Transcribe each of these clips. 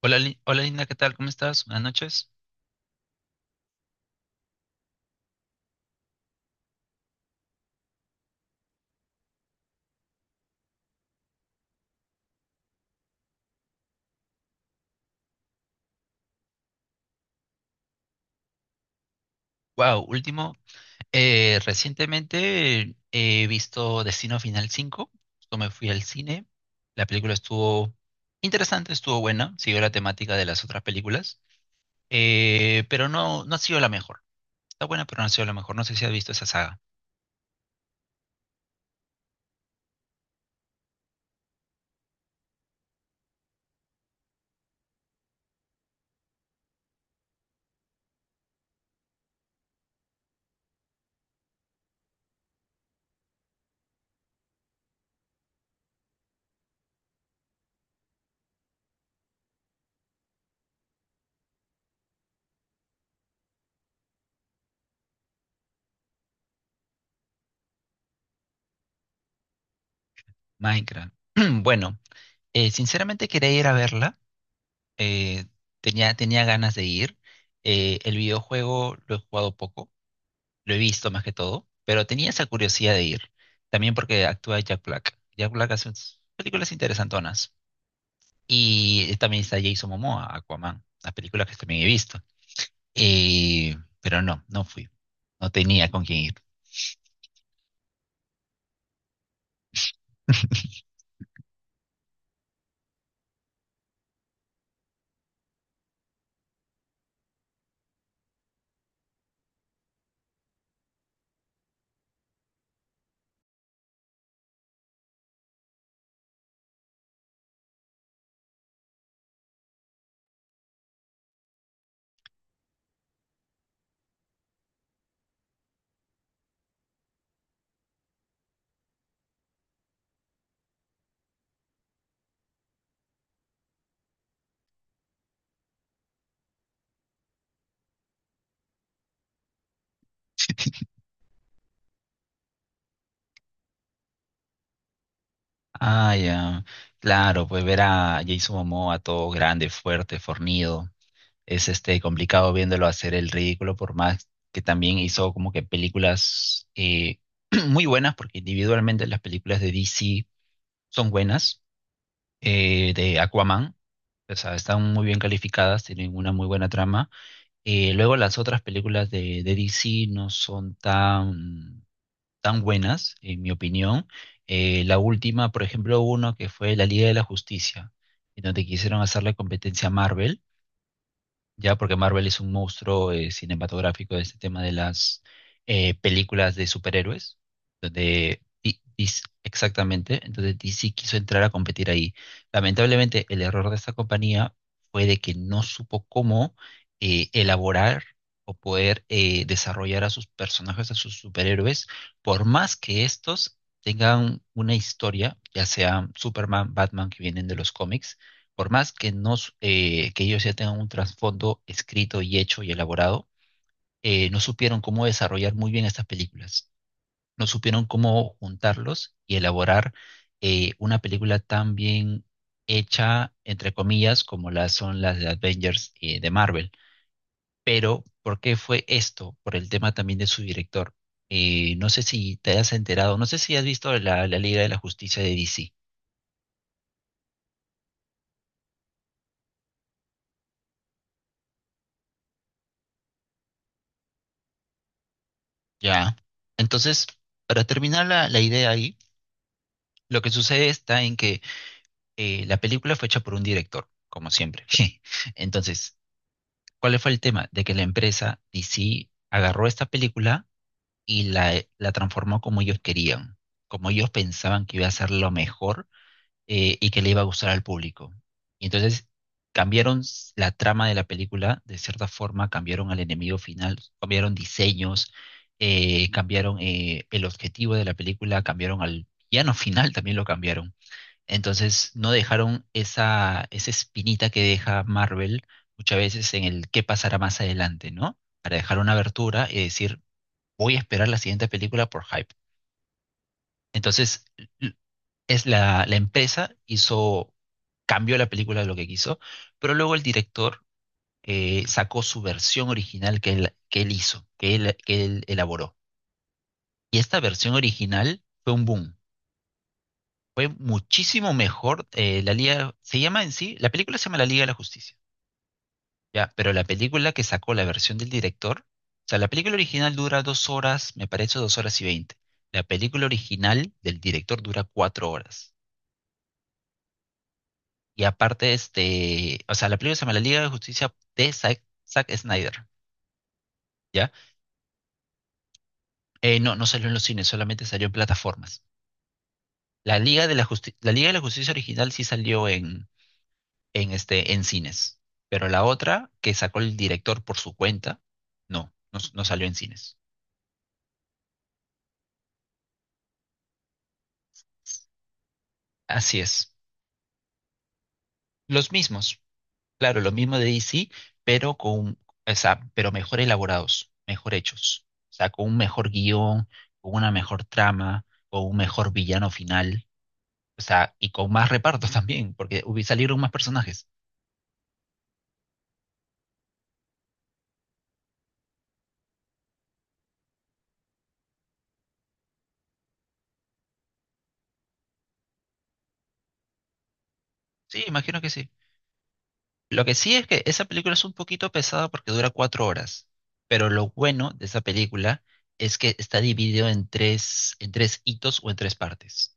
Hola, hola Linda, ¿qué tal? ¿Cómo estás? Buenas noches. Wow, último. Recientemente he visto Destino Final 5. Justo me fui al cine. La película estuvo interesante, estuvo buena. Siguió la temática de las otras películas. Pero no, no ha sido la mejor. Está buena, pero no ha sido la mejor. No sé si has visto esa saga. Minecraft. Bueno, sinceramente quería ir a verla. eh, tenía ganas de ir. El videojuego lo he jugado poco. Lo he visto más que todo, pero tenía esa curiosidad de ir. También porque actúa Jack Black. Jack Black hace unas películas interesantonas. Y también está Jason Momoa, Aquaman, las películas que también he visto. Pero no, no fui. No tenía con quién ir. Ah, ya. Claro, pues ver a Jason Momoa todo grande, fuerte, fornido. Es este complicado viéndolo hacer el ridículo, por más que también hizo como que películas muy buenas, porque individualmente las películas de DC son buenas, de Aquaman, o sea, están muy bien calificadas, tienen una muy buena trama. Luego las otras películas de DC no son tan, tan buenas, en mi opinión. La última, por ejemplo, uno que fue La Liga de la Justicia, en donde quisieron hacer la competencia a Marvel ya porque Marvel es un monstruo cinematográfico de este tema de las películas de superhéroes, donde exactamente, entonces DC quiso entrar a competir ahí. Lamentablemente, el error de esta compañía fue de que no supo cómo elaborar o poder desarrollar a sus personajes, a sus superhéroes, por más que estos tengan una historia, ya sean Superman, Batman, que vienen de los cómics, por más que, no, que ellos ya tengan un trasfondo escrito y hecho y elaborado, no supieron cómo desarrollar muy bien estas películas, no supieron cómo juntarlos y elaborar una película tan bien hecha, entre comillas, como las son las de Avengers de Marvel. Pero, ¿por qué fue esto? Por el tema también de su director. No sé si te has enterado, no sé si has visto la Liga de la Justicia de DC. Ya. Entonces, para terminar la idea ahí. Lo que sucede está en que la película fue hecha por un director, como siempre. Entonces, ¿cuál fue el tema? De que la empresa DC agarró esta película y la transformó como ellos querían, como ellos pensaban que iba a ser lo mejor y que le iba a gustar al público. Y entonces cambiaron la trama de la película, de cierta forma cambiaron al enemigo final, cambiaron diseños, cambiaron el objetivo de la película, cambiaron al villano final, también lo cambiaron. Entonces no dejaron esa espinita que deja Marvel muchas veces en el qué pasará más adelante, ¿no? Para dejar una abertura y decir, voy a esperar la siguiente película por hype. Entonces, l- es la empresa hizo, cambió la película de lo que quiso, pero luego el director sacó su versión original que él hizo, que él elaboró. Y esta versión original fue un boom. Fue muchísimo mejor. La Liga, se llama en sí, la película se llama La Liga de la Justicia. Ya, pero la película que sacó la versión del director, o sea, la película original dura 2 horas, me parece 2 horas y 20. La película original del director dura 4 horas. Y aparte, este, o sea, la película se llama La Liga de Justicia de Zack Snyder, ¿ya? No, no salió en los cines, solamente salió en plataformas. La Liga de la Justicia original sí salió en cines, pero la otra que sacó el director por su cuenta, no, no, no salió en cines. Así es. Los mismos. Claro, lo mismo de DC, pero con, o sea, pero mejor elaborados, mejor hechos. O sea, con un mejor guión, con una mejor trama, con un mejor villano final. O sea, y con más repartos también, porque salieron más personajes. Sí, imagino que sí. Lo que sí es que esa película es un poquito pesada porque dura 4 horas. Pero lo bueno de esa película es que está dividido en tres hitos o en tres partes.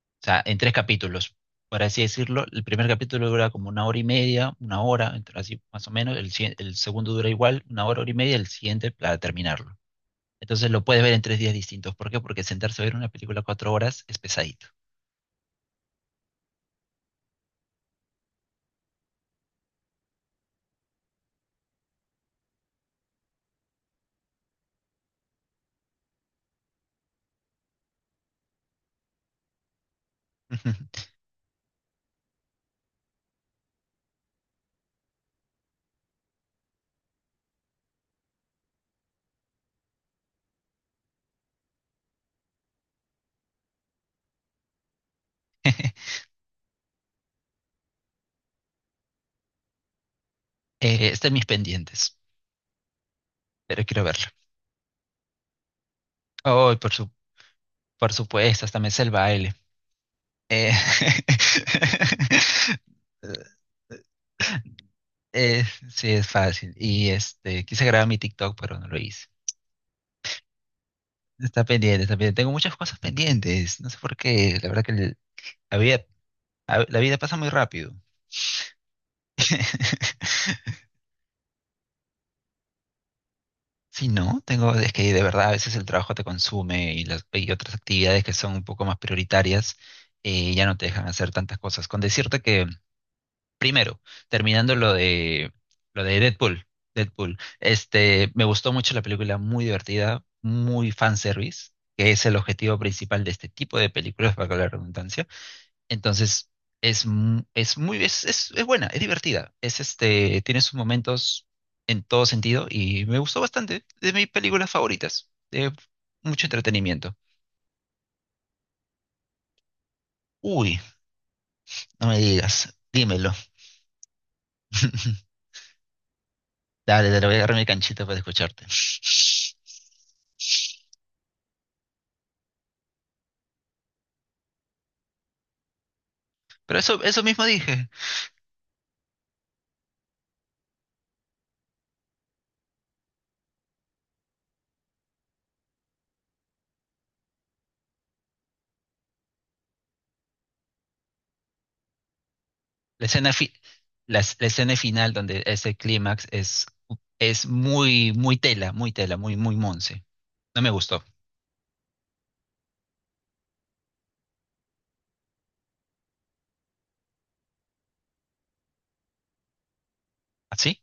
O sea, en tres capítulos, por así decirlo. El primer capítulo dura como una hora y media, una hora, entre así más o menos. El, si- el segundo dura igual, una hora, hora y media, el siguiente para terminarlo. Entonces lo puedes ver en 3 días distintos. ¿Por qué? Porque sentarse a ver una película 4 horas es pesadito. Está en mis pendientes, pero quiero verlo. Oh, por supuesto, hasta me sé el baile. Eh, sí, es fácil. Y este, quise grabar mi TikTok, pero no lo hice. Está pendiente, está pendiente. Tengo muchas cosas pendientes. No sé por qué. La verdad que el- la vida, a- la vida pasa muy rápido. Sí, no, tengo, es que de verdad a veces el trabajo te consume y las y otras actividades que son un poco más prioritarias ya no te dejan hacer tantas cosas. Con decirte que, primero, terminando lo de Deadpool, Deadpool, este, me gustó mucho la película, muy divertida, muy fanservice, que es el objetivo principal de este tipo de películas, para la redundancia. Entonces, es, mu- es muy, es buena, es divertida. Es este, tiene sus momentos en todo sentido y me gustó bastante. De mis películas favoritas. De mucho entretenimiento. Uy, no me digas, dímelo. Dale, dale, voy a agarrar mi canchita para escucharte. Pero eso mismo dije. La escena, la escena final donde ese clímax es muy, muy tela, muy tela, muy, muy monse. No me gustó. ¿Así?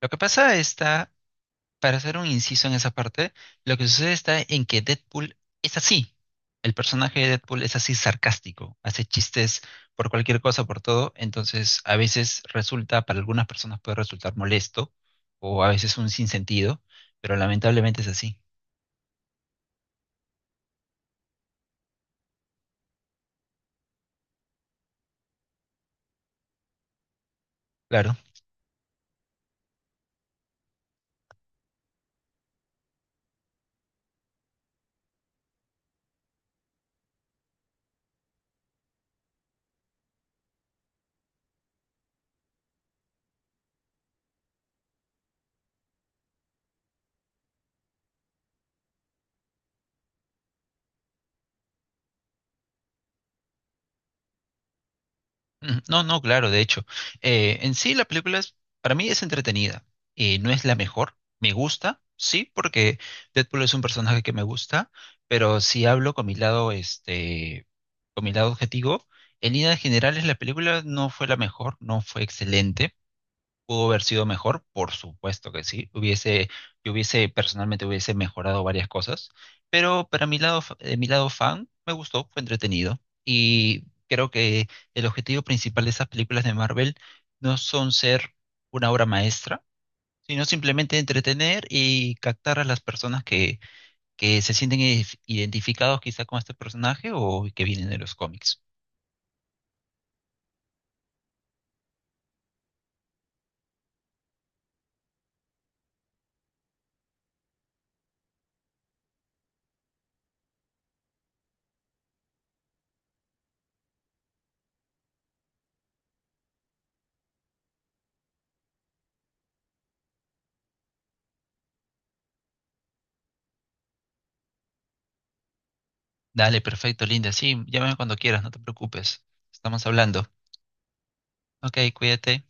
Lo que pasa está, para hacer un inciso en esa parte, lo que sucede está en que Deadpool es así. El personaje de Deadpool es así sarcástico, hace chistes por cualquier cosa, por todo. Entonces, a veces resulta, para algunas personas puede resultar molesto o a veces un sinsentido, pero lamentablemente es así. Claro. Ujú. No, no, claro, de hecho. En sí la película es, para mí es entretenida. No es la mejor. Me gusta, sí, porque Deadpool es un personaje que me gusta, pero si hablo con mi lado, este, con mi lado objetivo, en líneas generales la película no fue la mejor, no fue excelente, pudo haber sido mejor, por supuesto que sí. Yo hubiese mejorado varias cosas, pero para mi lado, de mi lado fan, me gustó, fue entretenido y creo que el objetivo principal de esas películas de Marvel no son ser una obra maestra, sino simplemente entretener y captar a las personas que se sienten identificados quizá con este personaje o que vienen de los cómics. Dale, perfecto, Linda. Sí, llámame cuando quieras, no te preocupes. Estamos hablando. Ok, cuídate.